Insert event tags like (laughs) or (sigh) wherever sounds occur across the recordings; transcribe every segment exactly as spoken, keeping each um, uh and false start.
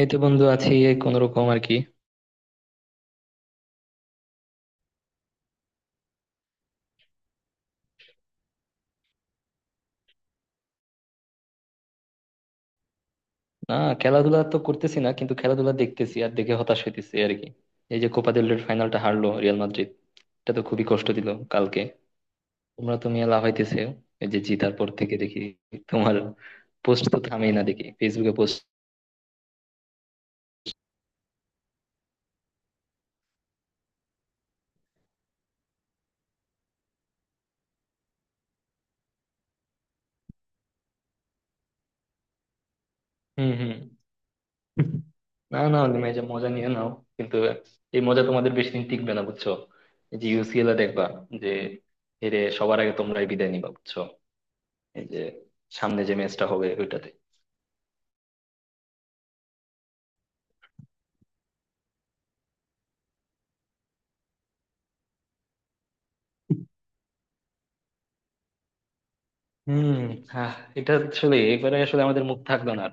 এই তো বন্ধু, আছি এই কোন রকম আর কি। না, খেলাধুলা তো করতেছি না, কিন্তু খেলাধুলা দেখতেছি আর দেখে হতাশ হইতেছি আর কি। এই যে কোপা দেল রের ফাইনালটা হারলো রিয়াল মাদ্রিদ, এটা তো খুবই কষ্ট দিল কালকে। তোমরা তো মিয়া লাফাইতেছে এই যে জিতার পর থেকে দেখি, তোমার পোস্ট তো থামেই না, দেখি ফেসবুকে পোস্ট। হম হম। না না, তুমি এই যে মজা নিয়ে নাও, কিন্তু এই মজা তোমাদের বেশি দিন টিকবে না বুঝছো। এই যে ইউ সি এল এ দেখবা যে হেরে সবার আগে তোমরাই বিদায় নিবা বুঝছো। এই যে সামনে যে ম্যাচটা হবে ওইটাতে। হুম। হ্যাঁ। এটা আসলে এবারে আসলে আমাদের মুখ থাকলো না আর।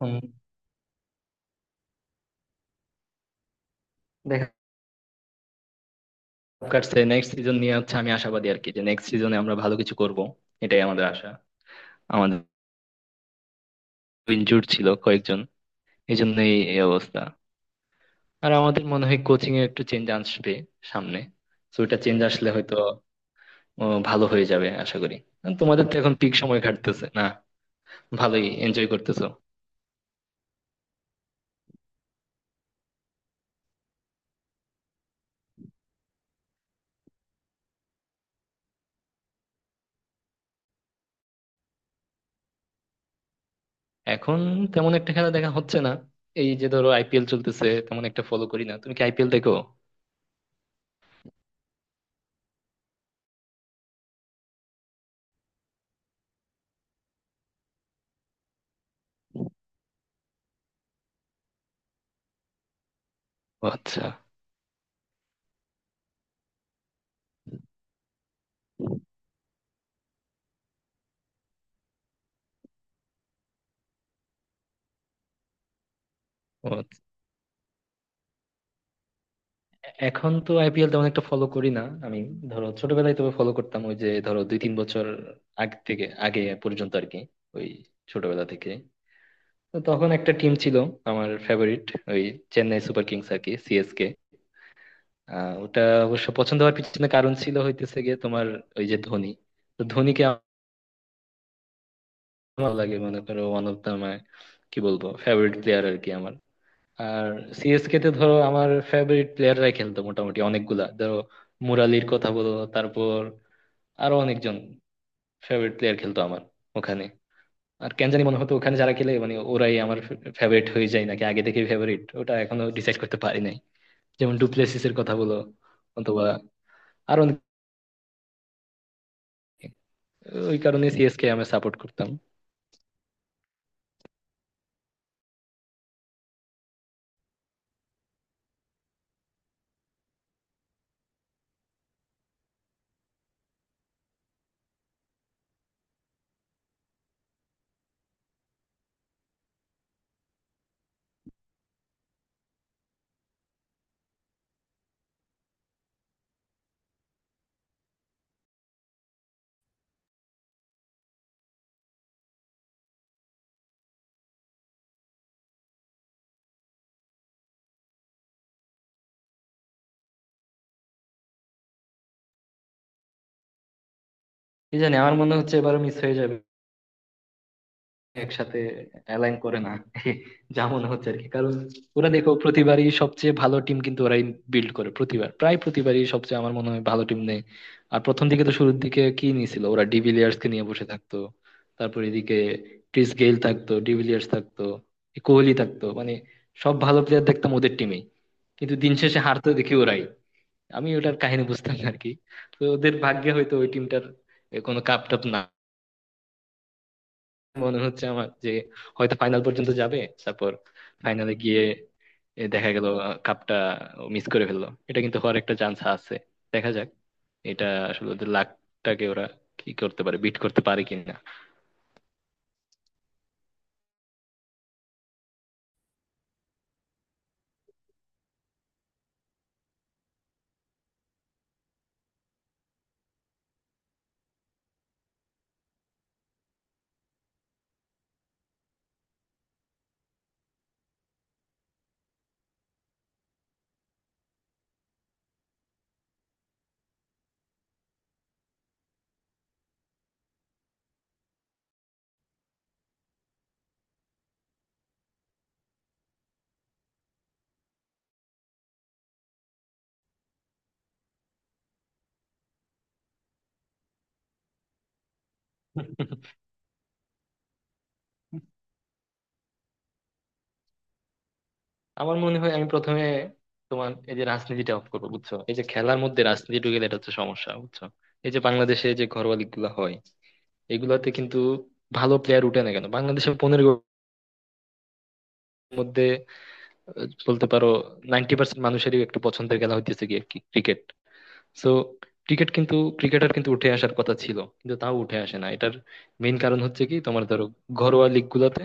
হুম, দেখা কাটছে নেক্সট সিজন নিয়ে হচ্ছে, আমি আশাবাদী আর কি, যে নেক্সট সিজনে আমরা ভালো কিছু করব। এটাই আমাদের আশা। আমাদের ইনজুর ছিল কয়েকজন, এই জন্যই এই অবস্থা। আর আমাদের মনে হয় কোচিং এ একটু চেঞ্জ আসবে সামনে। তো এটা চেঞ্জ আসলে হয়তো আহ, ভালো হয়ে যাবে আশা করি। আর তোমাদের তো এখন পিক সময় কাটতেছে না, ভালোই এনজয় করতেছো। এখন তেমন একটা খেলা দেখা হচ্ছে না। এই যে ধরো আই পি এল চলতেছে, তেমন একটা ফলো করি না। তুমি কি আই পি এল দেখো? ও আচ্ছা। ও, এখন তো আই পি এল তেমন একটা ফলো করি না আমি। ধরো ছোটবেলায় তবে ফলো করতাম, ওই যে ধরো দুই তিন বছর আগ থেকে আগে পর্যন্ত আর কি, ওই ছোটবেলা থেকে। তো তখন একটা টিম ছিল আমার ফেভারিট, ওই চেন্নাই সুপার কিংস আর কি, সি এস কে। আহ ওটা অবশ্য পছন্দ হওয়ার পিছনে কারণ ছিল হইতেছে গিয়ে তোমার ওই যে ধোনি। তো ধোনিকে আমার ভালো লাগে, মনে করো ওয়ান অফ দা মাই, কি বলবো, ফেভারিট প্লেয়ার আর কি আমার। আর সি এস কে তে ধরো আমার ফেভারিট প্লেয়াররাই খেলতো মোটামুটি, অনেকগুলা, ধরো মুরালির কথা বলো, তারপর আরো অনেকজন ফেভারিট প্লেয়ার খেলতো আমার ওখানে। আর কেন জানি মনে হতো ওখানে যারা খেলে মানে ওরাই আমার ফেভারিট হয়ে যায়, নাকি আগে থেকে ফেভারিট, ওটা এখনো ডিসাইড করতে পারি নাই। যেমন ডুপ্লেসিস এর কথা বলো, অথবা আরো অনেক- ওই কারণে সি এস কে আমি সাপোর্ট করতাম। কি জানি, আমার মনে হচ্ছে এবারও মিস হয়ে যাবে। একসাথে অ্যালাইন করে না (laughs) যা মনে হচ্ছে আর কি। কারণ ওরা দেখো প্রতিবারই সবচেয়ে ভালো টিম কিন্তু ওরাই বিল্ড করে, প্রতিবার প্রায় প্রতিবারই সবচেয়ে আমার মনে হয় ভালো টিম নেই। আর প্রথম দিকে তো শুরুর দিকে কি নিয়েছিল ওরা, ডিভিলিয়ার্স কে নিয়ে বসে থাকতো, তারপর এদিকে ক্রিস গেইল থাকতো, ডিভিলিয়ার্স থাকতো, কোহলি থাকতো, মানে সব ভালো প্লেয়ার দেখতাম ওদের টিমে। কিন্তু দিন শেষে হারতো দেখি ওরাই। আমি ওটার কাহিনী বুঝতাম না আর কি। তো ওদের ভাগ্যে হয়তো, ওই টিমটার, কোনো কাপ টাপ না। মনে হচ্ছে আমার যে হয়তো ফাইনাল পর্যন্ত যাবে, তারপর ফাইনালে গিয়ে এ দেখা গেল কাপটা মিস করে ফেললো, এটা কিন্তু হওয়ার একটা চান্স আছে। দেখা যাক, এটা আসলে ওদের লাকটাকে ওরা কি করতে পারে, বিট করতে পারে কিনা। (laughs) আমার মনে হয় আমি প্রথমে তোমার এই যে রাজনীতিটা অফ করবো বুঝছো। এই যে খেলার মধ্যে রাজনীতি ঢুকে গেলে এটা হচ্ছে সমস্যা বুঝছো। এই যে বাংলাদেশে যে ঘরোয়া লিগ গুলো হয় এগুলাতে কিন্তু ভালো প্লেয়ার উঠে না কেন? বাংলাদেশে পনেরো মধ্যে, আহ, বলতে পারো নাইনটি পার্সেন্ট মানুষেরই একটু পছন্দের খেলা হইতেছে গিয়ে কি ক্রিকেট। সো ক্রিকেট কিন্তু, ক্রিকেটার কিন্তু উঠে আসার কথা ছিল, কিন্তু তাও উঠে আসে না। এটার মেইন কারণ হচ্ছে কি, তোমার ধরো ঘরোয়া লিগ গুলাতে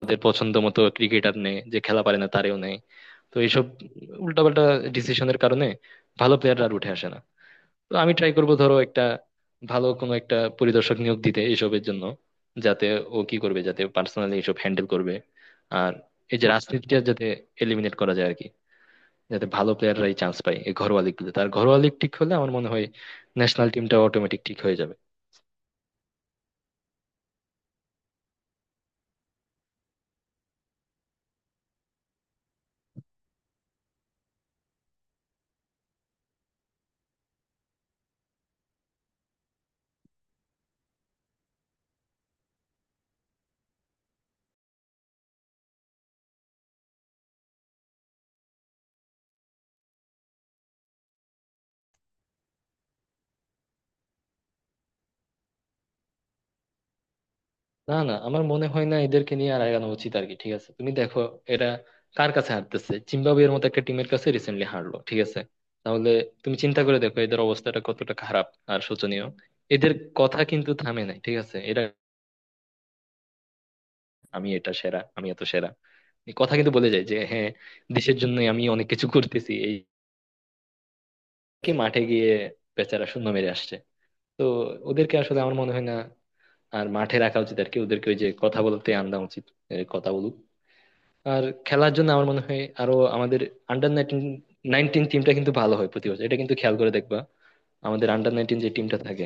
তাদের পছন্দ মতো ক্রিকেটার, নেই যে খেলা পারে না তারেও নেই। তো এইসব উল্টাপাল্টা ডিসিশনের কারণে ভালো প্লেয়াররা আর উঠে আসে না। তো আমি ট্রাই করবো ধরো একটা ভালো কোনো একটা পরিদর্শক নিয়োগ দিতে এসবের জন্য, যাতে ও কি করবে, যাতে পার্সোনালি এসব হ্যান্ডেল করবে। আর এই যে রাজনীতিটা যাতে এলিমিনেট করা যায় আর কি, যাতে ভালো প্লেয়াররাই চান্স পায় এই ঘরোয়া লিগগুলোতে। তার ঘরোয়া লিগ ঠিক হলে আমার মনে হয় ন্যাশনাল টিমটা অটোমেটিক ঠিক হয়ে যাবে। না না, আমার মনে হয় না এদেরকে নিয়ে আর আগানো উচিত আর কি। ঠিক আছে, তুমি দেখো এরা কার কাছে হারতেছে, জিম্বাবুয়ের মতো একটা টিমের কাছে রিসেন্টলি হারলো। ঠিক আছে, তাহলে তুমি চিন্তা করে দেখো এদের অবস্থাটা কতটা খারাপ আর শোচনীয়। এদের কথা কিন্তু থামে নাই। ঠিক আছে, এরা আমি এটা সেরা আমি এত সেরা, এই কথা কিন্তু বলে যায়, যে হ্যাঁ দেশের জন্য আমি অনেক কিছু করতেছি এই, কি মাঠে গিয়ে বেচারা শূন্য মেরে আসছে। তো ওদেরকে আসলে আমার মনে হয় না আর মাঠে রাখা উচিত আর কি। ওদেরকে ওই যে কথা বলতে আনা উচিত, এ, কথা বলুক। আর খেলার জন্য আমার মনে হয় আরো, আমাদের আন্ডার নাইনটিন, নাইনটিন টিমটা কিন্তু ভালো হয় প্রতি বছর, এটা কিন্তু খেয়াল করে দেখবা। আমাদের আন্ডার নাইনটিন যে টিমটা থাকে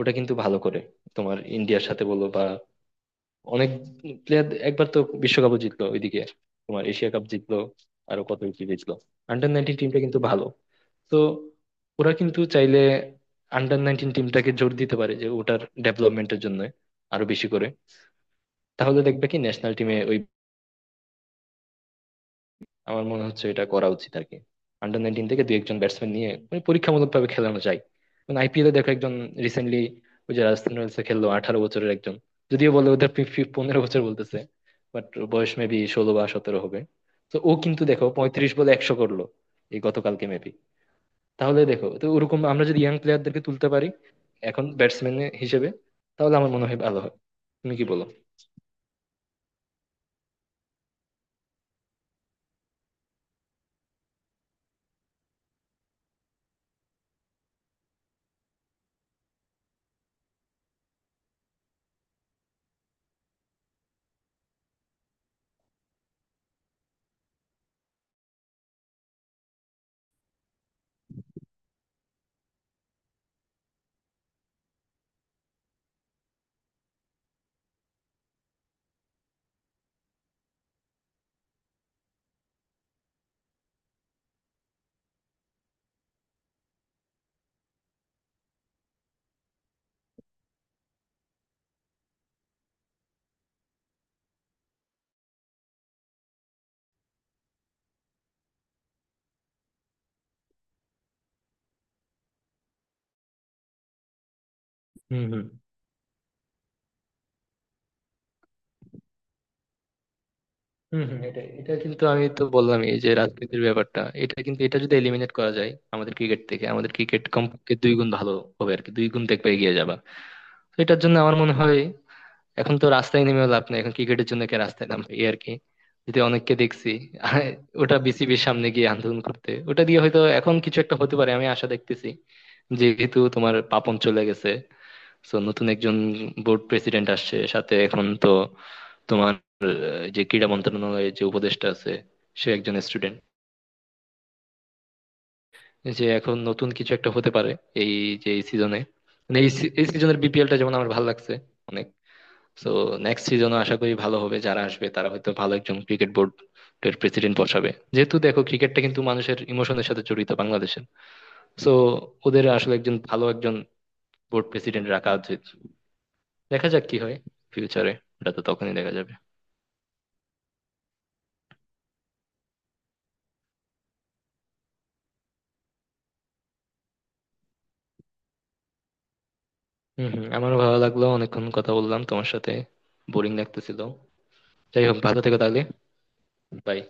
ওটা কিন্তু ভালো করে, তোমার ইন্ডিয়ার সাথে বলো বা অনেক, প্লেয়ার একবার তো বিশ্বকাপও জিতলো ওইদিকে। তোমার এশিয়া কাপ জিতলো, আরো কত কিছু জিতলো। আন্ডার নাইনটিন টিমটা কিন্তু ভালো। তো ওরা কিন্তু চাইলে আন্ডার নাইনটিন টিমটাকে জোর দিতে পারে, যে ওটার ডেভেলপমেন্টের জন্য আরো বেশি করে। তাহলে দেখবে কি ন্যাশনাল টিমে ওই, আমার মনে হচ্ছে এটা করা উচিত আর কি। আন্ডার নাইনটিন থেকে দুই একজন ব্যাটসম্যান নিয়ে মানে পরীক্ষামূলক ভাবে খেলানো যায়। মানে আই পি এল এ দেখো একজন রিসেন্টলি ওই যে রাজস্থান রয়্যালস এ খেললো আঠারো বছরের একজন, যদিও বলে ওদের ফি- ফি- পনেরো বছর বলতেছে। বাট বয়স মেবি ষোলো বা সতেরো হবে। তো ও কিন্তু দেখো পঁয়ত্রিশ বলে একশো করলো এই গতকালকে মেবি। তাহলে দেখো তো, ওরকম আমরা যদি ইয়াং প্লেয়ারদেরকে তুলতে পারি এখন ব্যাটসম্যান হিসেবে, তাহলে আমার মনে হয় ভালো হয়। তুমি কি বলো? হুম হুম। হুম হুম, এটা এটা কিন্তু আমি তো বললাম এই যে রাজনীতির ব্যাপারটা, এটা কিন্তু এটা যদি এলিমিনেট করা যায় আমাদের ক্রিকেট থেকে, আমাদের ক্রিকেট কমপক্ষে দুই গুণ ভালো হবে আর কি, দুই গুণ দেখবে এগিয়ে যাবা। তো এটার জন্য আমার মনে হয়, এখন তো রাস্তায় নেমেও লাভ নাই, এখন ক্রিকেটের জন্য কে রাস্তায় নামবে এই আর কি, যদি অনেককে দেখছি। আর ওটা বি সি বি র সামনে গিয়ে আন্দোলন করতে, ওটা দিয়ে হয়তো এখন কিছু একটা হতে পারে, আমি আশা দেখতেছি। যেহেতু তোমার পাপন চলে গেছে, তো নতুন একজন বোর্ড প্রেসিডেন্ট আসছে সাথে, এখন তো তোমার আহ, যে ক্রীড়া মন্ত্রণালয়ের যে উপদেষ্টা আছে সে একজন স্টুডেন্ট, যে এখন নতুন কিছু একটা হতে পারে। এই যে এই সিজনে, এই সি- এই সিজনের বি পি এল টা যেমন আমার ভালো লাগছে অনেক। তো নেক্সট সিজনও আশা করি ভালো হবে, যারা আসবে তারা হয়তো ভালো একজন ক্রিকেট বোর্ড এর প্রেসিডেন্ট বসাবে। যেহেতু দেখো ক্রিকেটটা কিন্তু মানুষের ইমোশনের সাথে জড়িত বাংলাদেশের। তো ওদের আসলে একজন ভালো একজন বোর্ড প্রেসিডেন্ট রাখা উচিত। দেখা যাক কি হয় ফিউচারে, ওটা তো তখনই দেখা যাবে। হম হম, আমারও ভালো লাগলো, অনেকক্ষণ কথা বললাম তোমার সাথে। বোরিং লাগতেছিল, যাই হোক, ভালো থেকো তাহলে। বাই।